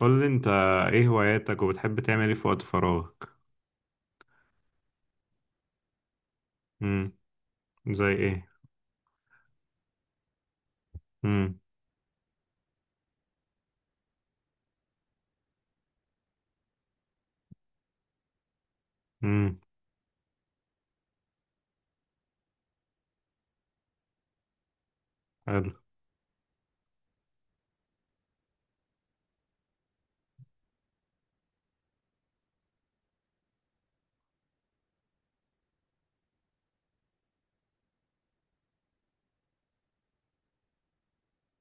قول لي انت، ايه هواياتك وبتحب تعمل ايه في وقت فراغك؟ امم. زي ايه. امم. امم. حلو.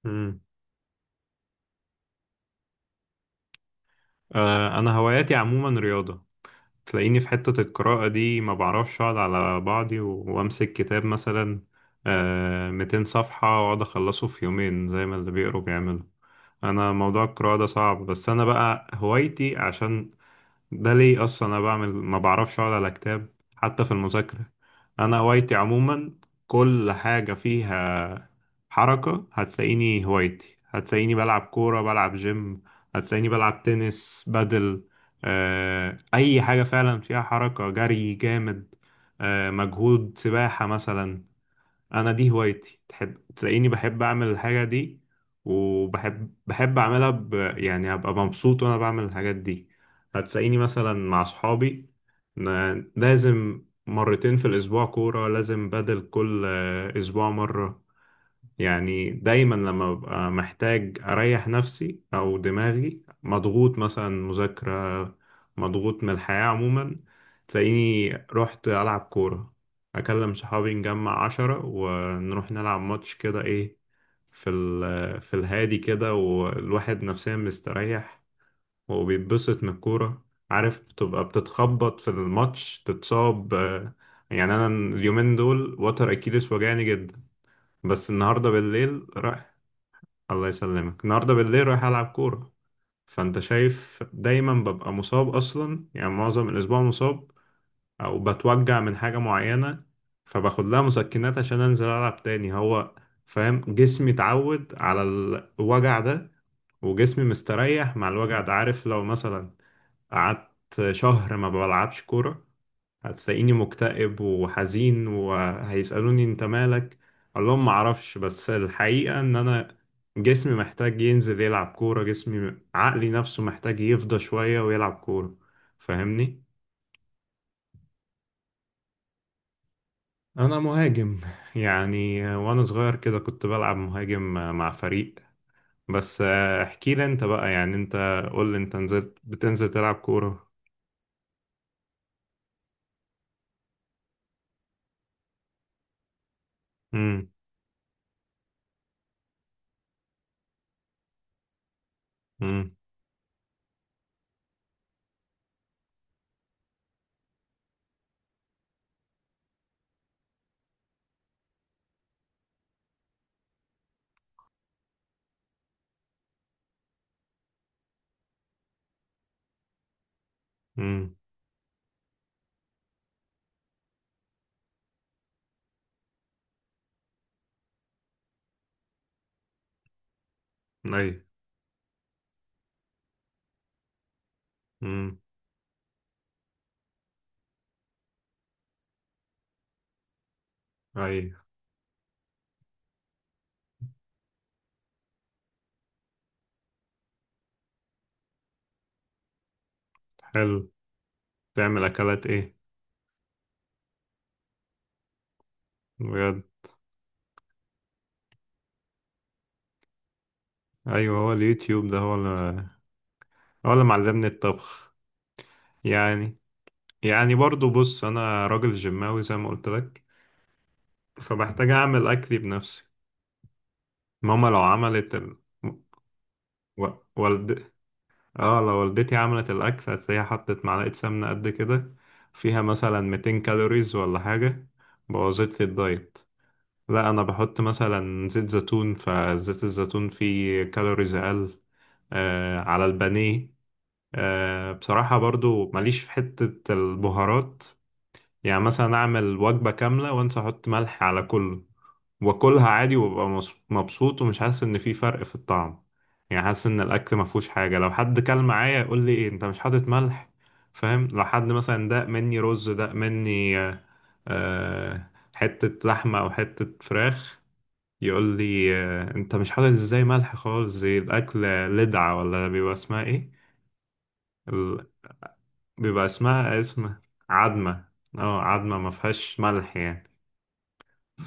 امم. انا هواياتي عموما رياضة. تلاقيني في حتة القراءة دي ما بعرفش اقعد على بعضي و- وامسك كتاب مثلا 200 صفحة واقعد اخلصه في يومين زي ما اللي بيقروا بيعملوا. انا موضوع القراءة ده صعب، بس انا بقى هوايتي عشان ده ليه اصلا انا بعمل ما بعرفش اقعد على كتاب حتى في المذاكره. انا هوايتي عموما كل حاجه فيها حركه. هتلاقيني هوايتي، هتلاقيني بلعب كوره، بلعب جيم، هتلاقيني بلعب تنس، بدل، اي حاجه فعلا فيها حركه، جري جامد، مجهود، سباحه مثلا. انا دي هوايتي، تحب تلاقيني بحب اعمل الحاجه دي، وبحب اعملها يعني ابقى مبسوط وانا بعمل الحاجات دي. هتلاقيني مثلا مع صحابي، لازم مرتين في الاسبوع كوره، لازم بدل كل اسبوع مره. يعني دايما لما ببقى محتاج أريح نفسي أو دماغي مضغوط، مثلا مذاكرة، مضغوط من الحياة عموما، تلاقيني رحت ألعب كورة. أكلم صحابي، نجمع عشرة ونروح نلعب ماتش كده، إيه، في ال في الهادي كده، والواحد نفسيا مستريح وبيتبسط من الكورة. عارف، بتبقى بتتخبط في الماتش، تتصاب، يعني أنا اليومين دول وتر أكيلس وجعني جدا. بس النهارده بالليل رايح. الله يسلمك. النهارده بالليل رايح العب كوره. فانت شايف دايما ببقى مصاب اصلا، يعني معظم الاسبوع مصاب او بتوجع من حاجه معينه، فباخد لها مسكنات عشان انزل العب تاني. هو فاهم، جسمي اتعود على الوجع ده وجسمي مستريح مع الوجع ده. عارف، لو مثلا قعدت شهر ما بلعبش كورة، هتلاقيني مكتئب وحزين، وهيسألوني انت مالك. اقول لهم معرفش، بس الحقيقة ان انا جسمي محتاج ينزل يلعب كورة، جسمي، عقلي، نفسه محتاج يفضى شوية ويلعب كورة. فاهمني؟ انا مهاجم يعني، وانا صغير كده كنت بلعب مهاجم مع فريق، بس. احكي لي انت بقى، يعني انت، قول لي انت نزلت بتنزل تلعب كورة. امم. امم. امم. اي. امم. اي. حلو. تعمل اكلات ايه؟ بجد؟ ايوه، هو اليوتيوب ده هو اللي، هو اللي معلمني الطبخ. يعني، يعني برضو بص، انا راجل جماوي زي ما قلت لك، فبحتاج اعمل اكلي بنفسي. ماما لو عملت و... والد... اه لو والدتي عملت الاكل، هتلاقيها حطت معلقه سمنه قد كده فيها مثلا 200 كالوريز ولا حاجه، بوظت لي الدايت. لا انا بحط مثلا زيت زيتون، فزيت الزيتون فيه كالوريز اقل. على البانيه. بصراحة برضو ماليش في حتة البهارات. يعني مثلا أعمل وجبة كاملة وأنسى أحط ملح على كله، وأكلها عادي، وأبقى مبسوط، ومش حاسس إن في فرق في الطعم. يعني حاسس إن الأكل مفهوش حاجة. لو حد كل معايا يقول لي، إيه أنت مش حاطط ملح؟ فاهم؟ لو حد مثلا داق مني رز، داق مني حتة لحمة أو حتة فراخ، يقول لي أنت مش حاطط إزاي ملح خالص زي الأكل؟ لدعة ولا بيبقى اسمها إيه؟ بيبقى اسمها اسم. عدمة. اه، عدمة ما فيهاش ملح يعني.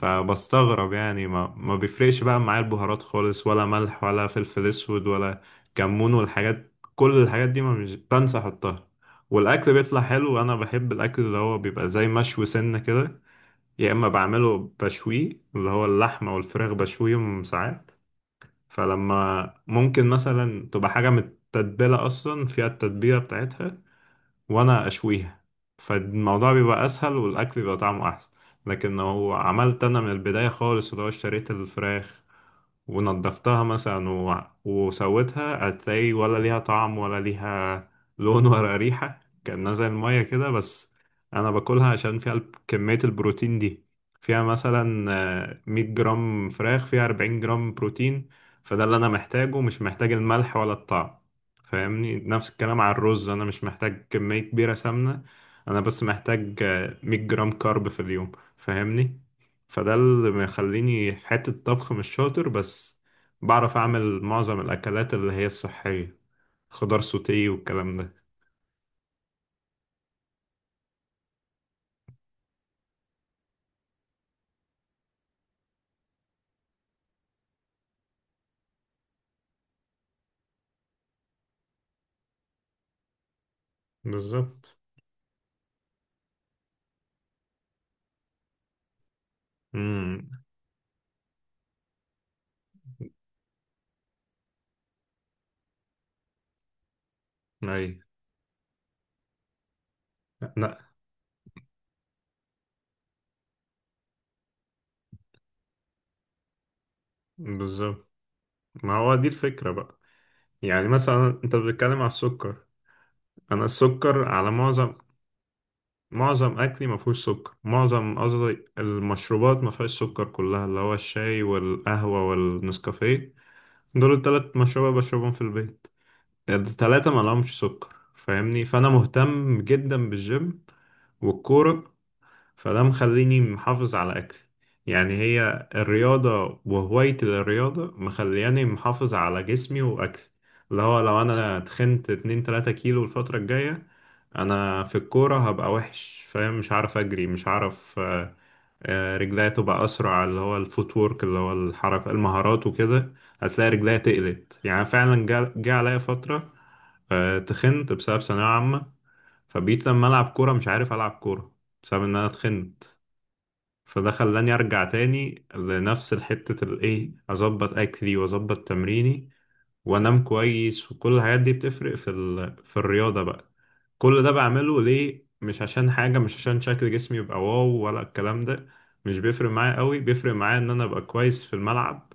فبستغرب يعني، ما بيفرقش بقى معايا البهارات خالص ولا ملح ولا فلفل اسود ولا كمون والحاجات، كل الحاجات دي ما مش بنسى احطها. والاكل بيطلع حلو. انا بحب الاكل اللي هو بيبقى زي مشوي سنة كده. يا اما بعمله بشويه، اللي هو اللحمة والفراخ بشويهم ساعات. فلما ممكن مثلا تبقى حاجة متتبلة اصلا فيها التتبيلة بتاعتها، وانا اشويها، فالموضوع بيبقى اسهل والاكل بيبقى طعمه احسن. لكن لو عملت انا من البدايه خالص، اللي هو اشتريت الفراخ ونضفتها مثلا و... وسويتها، هتلاقي ولا ليها طعم ولا ليها لون ولا ريحة، كأنها زي المية كده بس. أنا باكلها عشان فيها كمية البروتين دي، فيها مثلا 100 جرام فراخ فيها 40 جرام بروتين. فده اللي أنا محتاجه، مش محتاج الملح ولا الطعم. فاهمني؟ نفس الكلام على الرز، أنا مش محتاج كمية كبيرة سمنة، أنا بس محتاج 100 جرام كارب في اليوم. فاهمني؟ فده اللي مخليني في حتة الطبخ مش شاطر، بس بعرف أعمل معظم الأكلات اللي هي الصحية، خضار سوتيه والكلام ده. بالظبط. امم. أي. لا. بالظبط. ما هو دي الفكرة بقى. يعني مثلا أنت بتتكلم على السكر، أنا السكر على معظم، معظم أكلي ما فيهوش سكر. معظم، قصدي، المشروبات ما فيهاش سكر، كلها اللي هو الشاي والقهوة والنسكافيه. دول التلات مشروبات بشربهم في البيت، التلاتة ما لهمش سكر. فاهمني؟ فانا مهتم جدا بالجيم والكورة، فده مخليني محافظ على أكلي. يعني هي الرياضة وهوايتي للرياضة مخلياني محافظ على جسمي وأكلي. اللي هو لو أنا تخنت اتنين تلاتة كيلو الفترة الجاية، أنا في الكورة هبقى وحش، فاهم؟ مش عارف أجري، مش عارف رجليا تبقى أسرع، اللي هو الفوت وورك، اللي هو الحركة، المهارات وكده. هتلاقي رجليا تقلت. يعني فعلا جا عليا فترة، تخنت بسبب ثانوية عامة، فبقيت لما ألعب كورة مش عارف ألعب كورة بسبب إن أنا تخنت. فده خلاني ارجع تاني لنفس الحتة، الايه، اظبط اكلي واظبط تمريني وانام كويس، وكل الحاجات دي بتفرق في في الرياضة بقى. كل ده بعمله ليه؟ مش عشان حاجة، مش عشان شكل جسمي يبقى واو ولا الكلام ده. مش بيفرق معايا قوي. بيفرق معايا ان انا ابقى كويس في الملعب،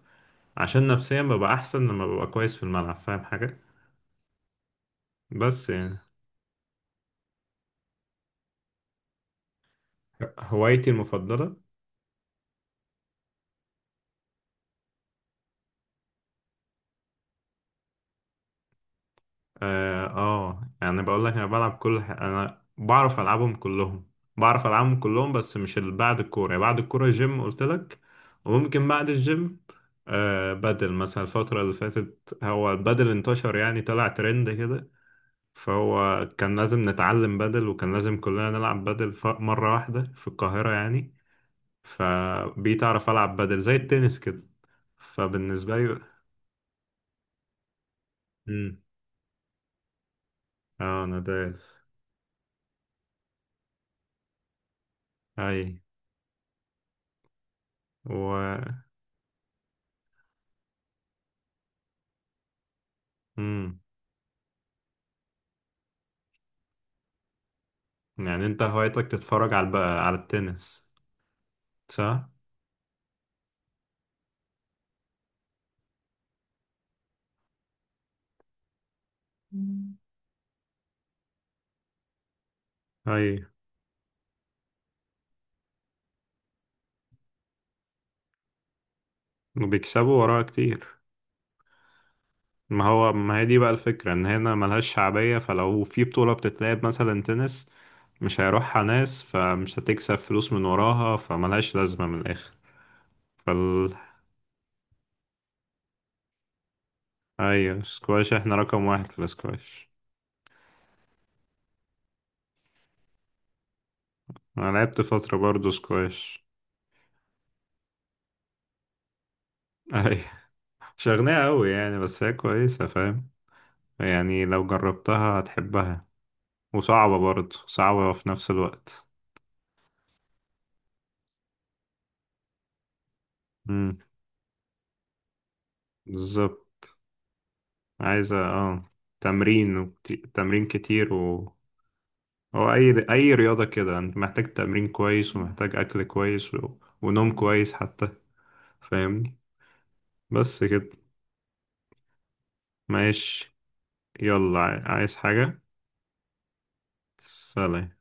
عشان نفسيا ببقى احسن لما ببقى كويس في الملعب. فاهم حاجة؟ بس يعني. هوايتي المفضلة، اه، يعني بقول لك انا بلعب كل انا بعرف العبهم كلهم، بعرف العبهم كلهم، بس مش بعد الكوره. يعني بعد الكوره جيم قلت لك، وممكن بعد الجيم بدل. مثلا الفتره اللي فاتت هو البدل انتشر، يعني طلع ترند كده، فهو كان لازم نتعلم بدل، وكان لازم كلنا نلعب بدل. مره واحده في القاهره يعني، فبقيت اعرف العب بدل زي التنس كده. فبالنسبه لي. امم. اه، نادال. اي. و مم. يعني انت هوايتك تتفرج على على التنس، صح؟ مم. اي. وبيكسبوا وراها كتير. ما هو، ما هي دي بقى الفكرة، ان هنا ملهاش شعبية. فلو في بطولة بتتلعب مثلا تنس مش هيروحها ناس، فمش هتكسب فلوس من وراها، فملهاش لازمة من الآخر. فال ايوه سكواش، احنا رقم واحد في السكواش. انا لعبت فترة برضو سكواش. اي. مش أغنية أوي يعني، بس هي كويسة، فاهم؟ يعني لو جربتها هتحبها. وصعبة برضه، صعبة في نفس الوقت. امم. بالظبط. عايزة اه، تمرين وكتير. تمرين كتير و. هو أي أي رياضة كده أنت محتاج تمرين كويس، ومحتاج أكل كويس ونوم كويس حتى. فاهمني؟ بس كده. ماشي. يلا، عايز حاجة؟ سلام.